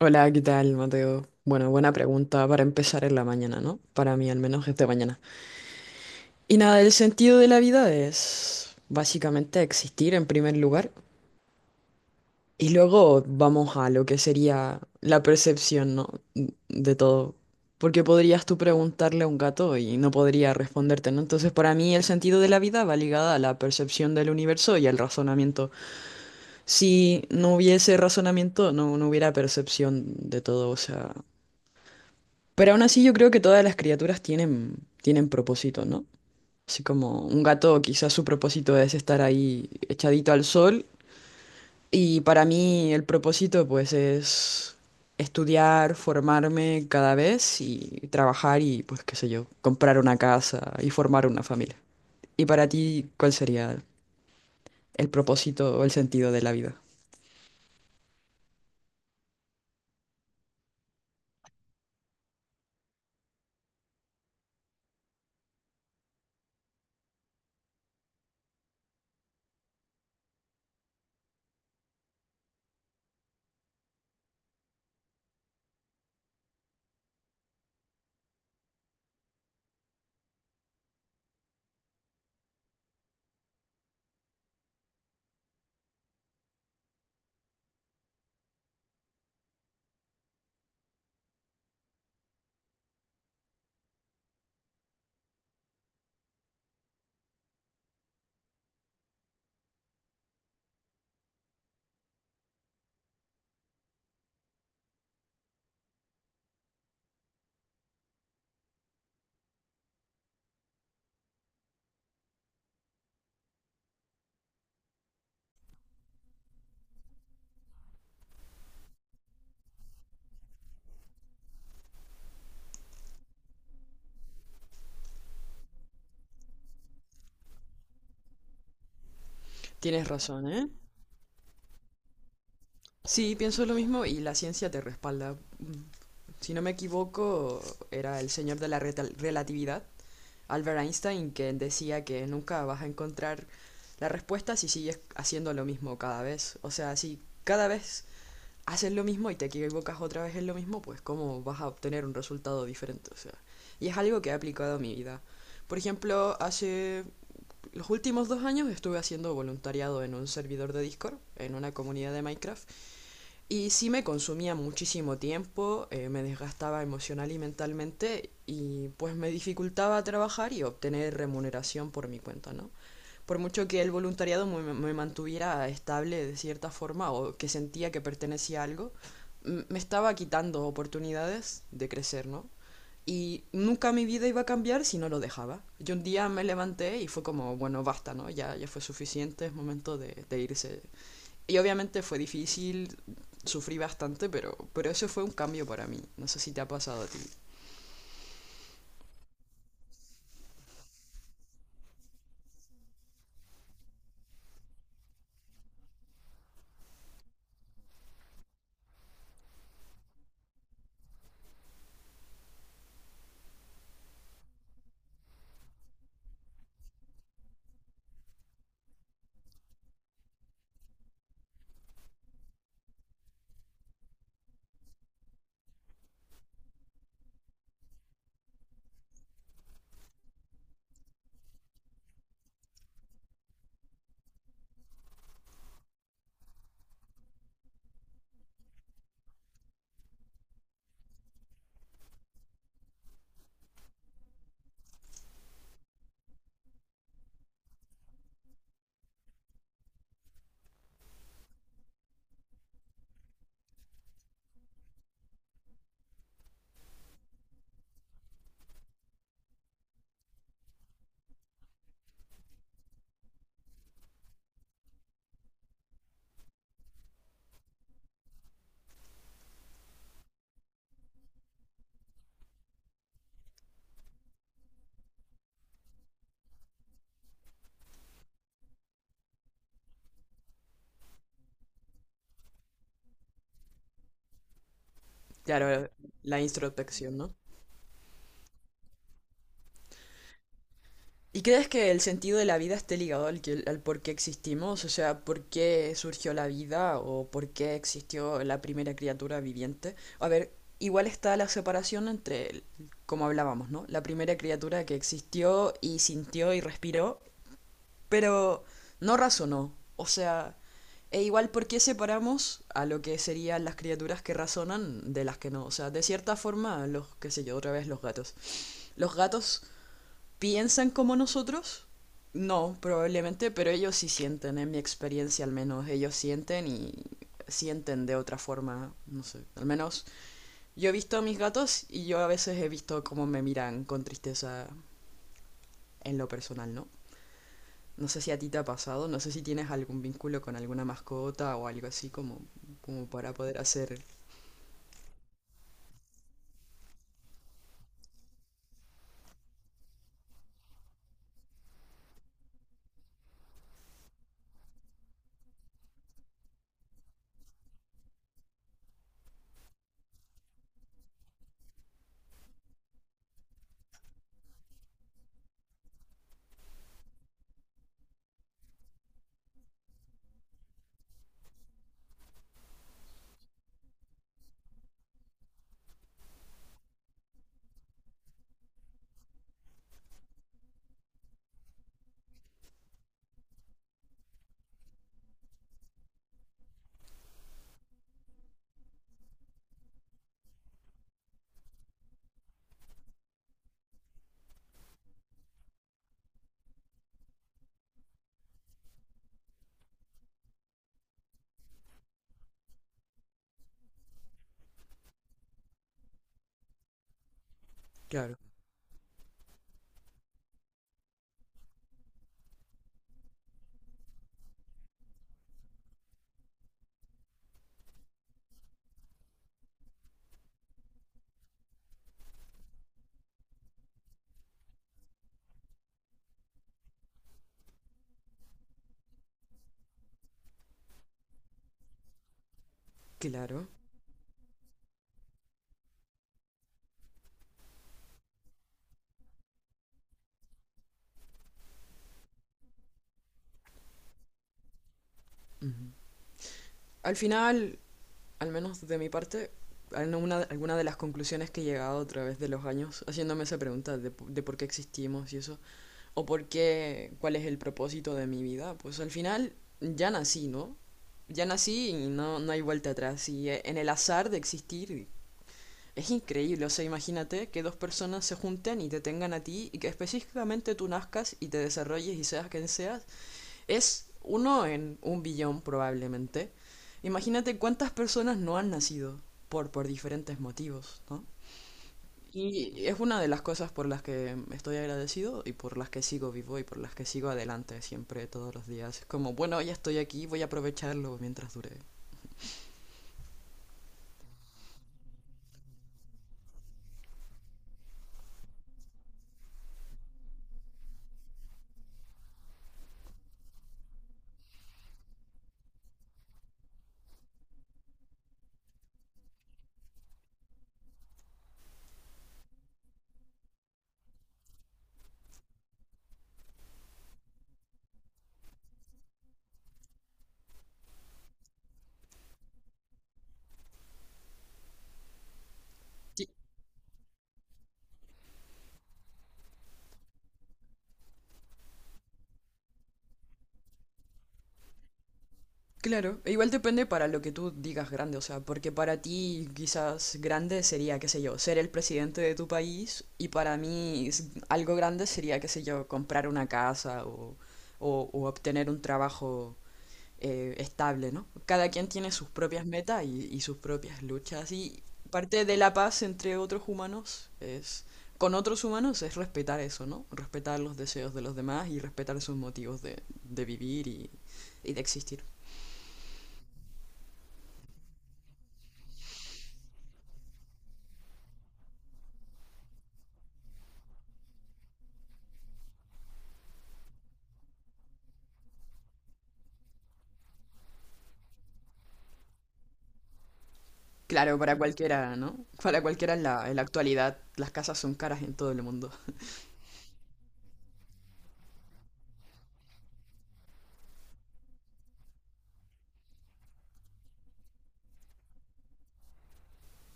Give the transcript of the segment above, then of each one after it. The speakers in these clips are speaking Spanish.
Hola, ¿qué tal, Mateo? Bueno, buena pregunta para empezar en la mañana, ¿no? Para mí al menos es de mañana. Y nada, el sentido de la vida es básicamente existir en primer lugar y luego vamos a lo que sería la percepción, ¿no? De todo. Porque podrías tú preguntarle a un gato y no podría responderte, ¿no? Entonces, para mí el sentido de la vida va ligada a la percepción del universo y al razonamiento. Si no hubiese razonamiento, no hubiera percepción de todo, o sea... Pero aún así yo creo que todas las criaturas tienen propósito, ¿no? Así como un gato quizás su propósito es estar ahí echadito al sol y para mí el propósito pues es estudiar, formarme cada vez y trabajar y pues qué sé yo, comprar una casa y formar una familia. ¿Y para ti cuál sería el propósito o el sentido de la vida? Tienes razón, ¿eh? Sí, pienso lo mismo y la ciencia te respalda. Mm, Si no me equivoco, era el señor de la relatividad, Albert Einstein, que decía que nunca vas a encontrar la respuesta si sigues haciendo lo mismo cada vez. O sea, si cada vez haces lo mismo y te equivocas otra vez en lo mismo, pues cómo vas a obtener un resultado diferente. O sea, y es algo que he aplicado a mi vida. Por ejemplo, hace los últimos 2 años estuve haciendo voluntariado en un servidor de Discord, en una comunidad de Minecraft, y sí me consumía muchísimo tiempo, me desgastaba emocional y mentalmente y pues me dificultaba trabajar y obtener remuneración por mi cuenta, ¿no? Por mucho que el voluntariado me mantuviera estable de cierta forma o que sentía que pertenecía a algo, me estaba quitando oportunidades de crecer, ¿no? Y nunca mi vida iba a cambiar si no lo dejaba. Yo un día me levanté y fue como, bueno, basta, ¿no? Ya fue suficiente, es momento de irse y obviamente fue difícil, sufrí bastante, pero eso fue un cambio para mí. No sé si te ha pasado a ti. Claro, la introspección, ¿no? ¿Y crees que el sentido de la vida esté ligado al por qué existimos? O sea, ¿por qué surgió la vida o por qué existió la primera criatura viviente? A ver, igual está la separación como hablábamos, ¿no? La primera criatura que existió y sintió y respiró. Pero no razonó. O sea, e igual por qué separamos a lo que serían las criaturas que razonan de las que no. O sea, de cierta forma, los, qué sé yo, otra vez los gatos. Los gatos piensan como nosotros. No, probablemente, pero ellos sí sienten, en mi experiencia al menos, ellos sienten y sienten de otra forma, no sé. Al menos yo he visto a mis gatos y yo a veces he visto cómo me miran con tristeza en lo personal, ¿no? No sé si a ti te ha pasado, no sé si tienes algún vínculo con alguna mascota o algo así como para poder hacer. Claro, claro. Ujú. Al final, al menos de mi parte, al- no una- alguna de las conclusiones que he llegado a través de los años haciéndome esa pregunta de, de por qué existimos y eso, o por qué, cuál es el propósito de mi vida, pues al final ya nací, ¿no? Ya nací y no hay vuelta atrás. Y en el azar de existir es increíble. O sea, imagínate que dos personas se junten y te tengan a ti y que específicamente tú nazcas y te desarrolles y seas quien seas. Es uno en un billón probablemente. Imagínate cuántas personas no han nacido por diferentes motivos, ¿no? Y es una de las cosas por las que estoy agradecido y por las que sigo vivo y por las que sigo adelante siempre, todos los días. Es como, bueno, ya estoy aquí, voy a aprovecharlo mientras dure. Sí, claro, e igual depende para lo que tú digas grande. O sea, porque para ti quizás grande sería, qué sé yo, ser el presidente de tu país y para mí algo grande sería, qué sé yo, comprar una casa o obtener un trabajo estable, ¿no? Cada quien tiene sus propias metas y sus propias luchas y parte de la paz entre otros humanos es, con otros humanos es respetar eso, ¿no? Respetar los deseos de los demás y respetar sus motivos de vivir y de existir. Claro, para cualquiera, ¿no? Para cualquiera en la, actualidad las casas son caras en todo el mundo.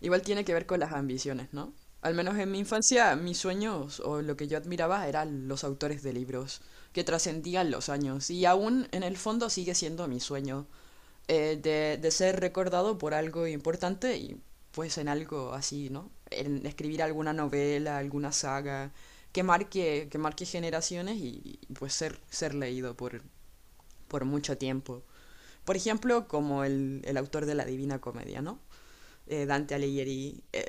Igual tiene que ver con las ambiciones, ¿no? Al menos en mi infancia, mis sueños o lo que yo admiraba eran los autores de libros que trascendían los años y aún en el fondo sigue siendo mi sueño de ser recordado por algo importante y pues en algo así, ¿no? En escribir alguna novela, alguna saga que marque generaciones pues ser leído por mucho tiempo. Por ejemplo, como el autor de la Divina Comedia, ¿no? Dante Alighieri.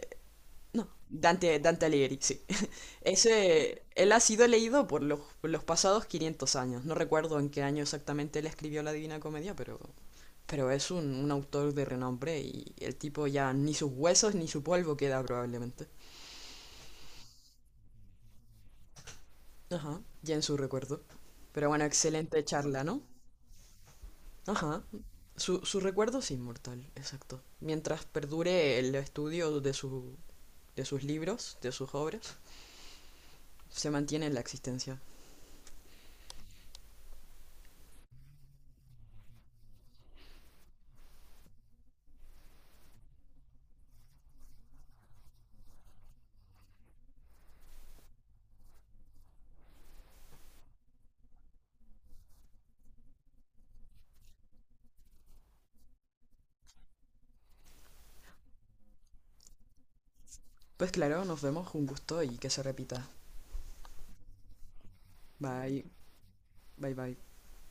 No, Dante Alighieri, sí. Ese, él ha sido leído por los pasados 500 años. No recuerdo en qué año exactamente él escribió la Divina Comedia, pero, es un autor de renombre y el tipo ya ni sus huesos ni su polvo queda probablemente. Ajá, ya en su recuerdo. Pero bueno, excelente charla, ¿no? Ajá. Su recuerdo es inmortal, exacto. Mientras perdure el estudio de sus libros, de sus obras, se mantiene en la existencia. Pues claro, nos vemos, un gusto y que se repita. Bye, bye, bye.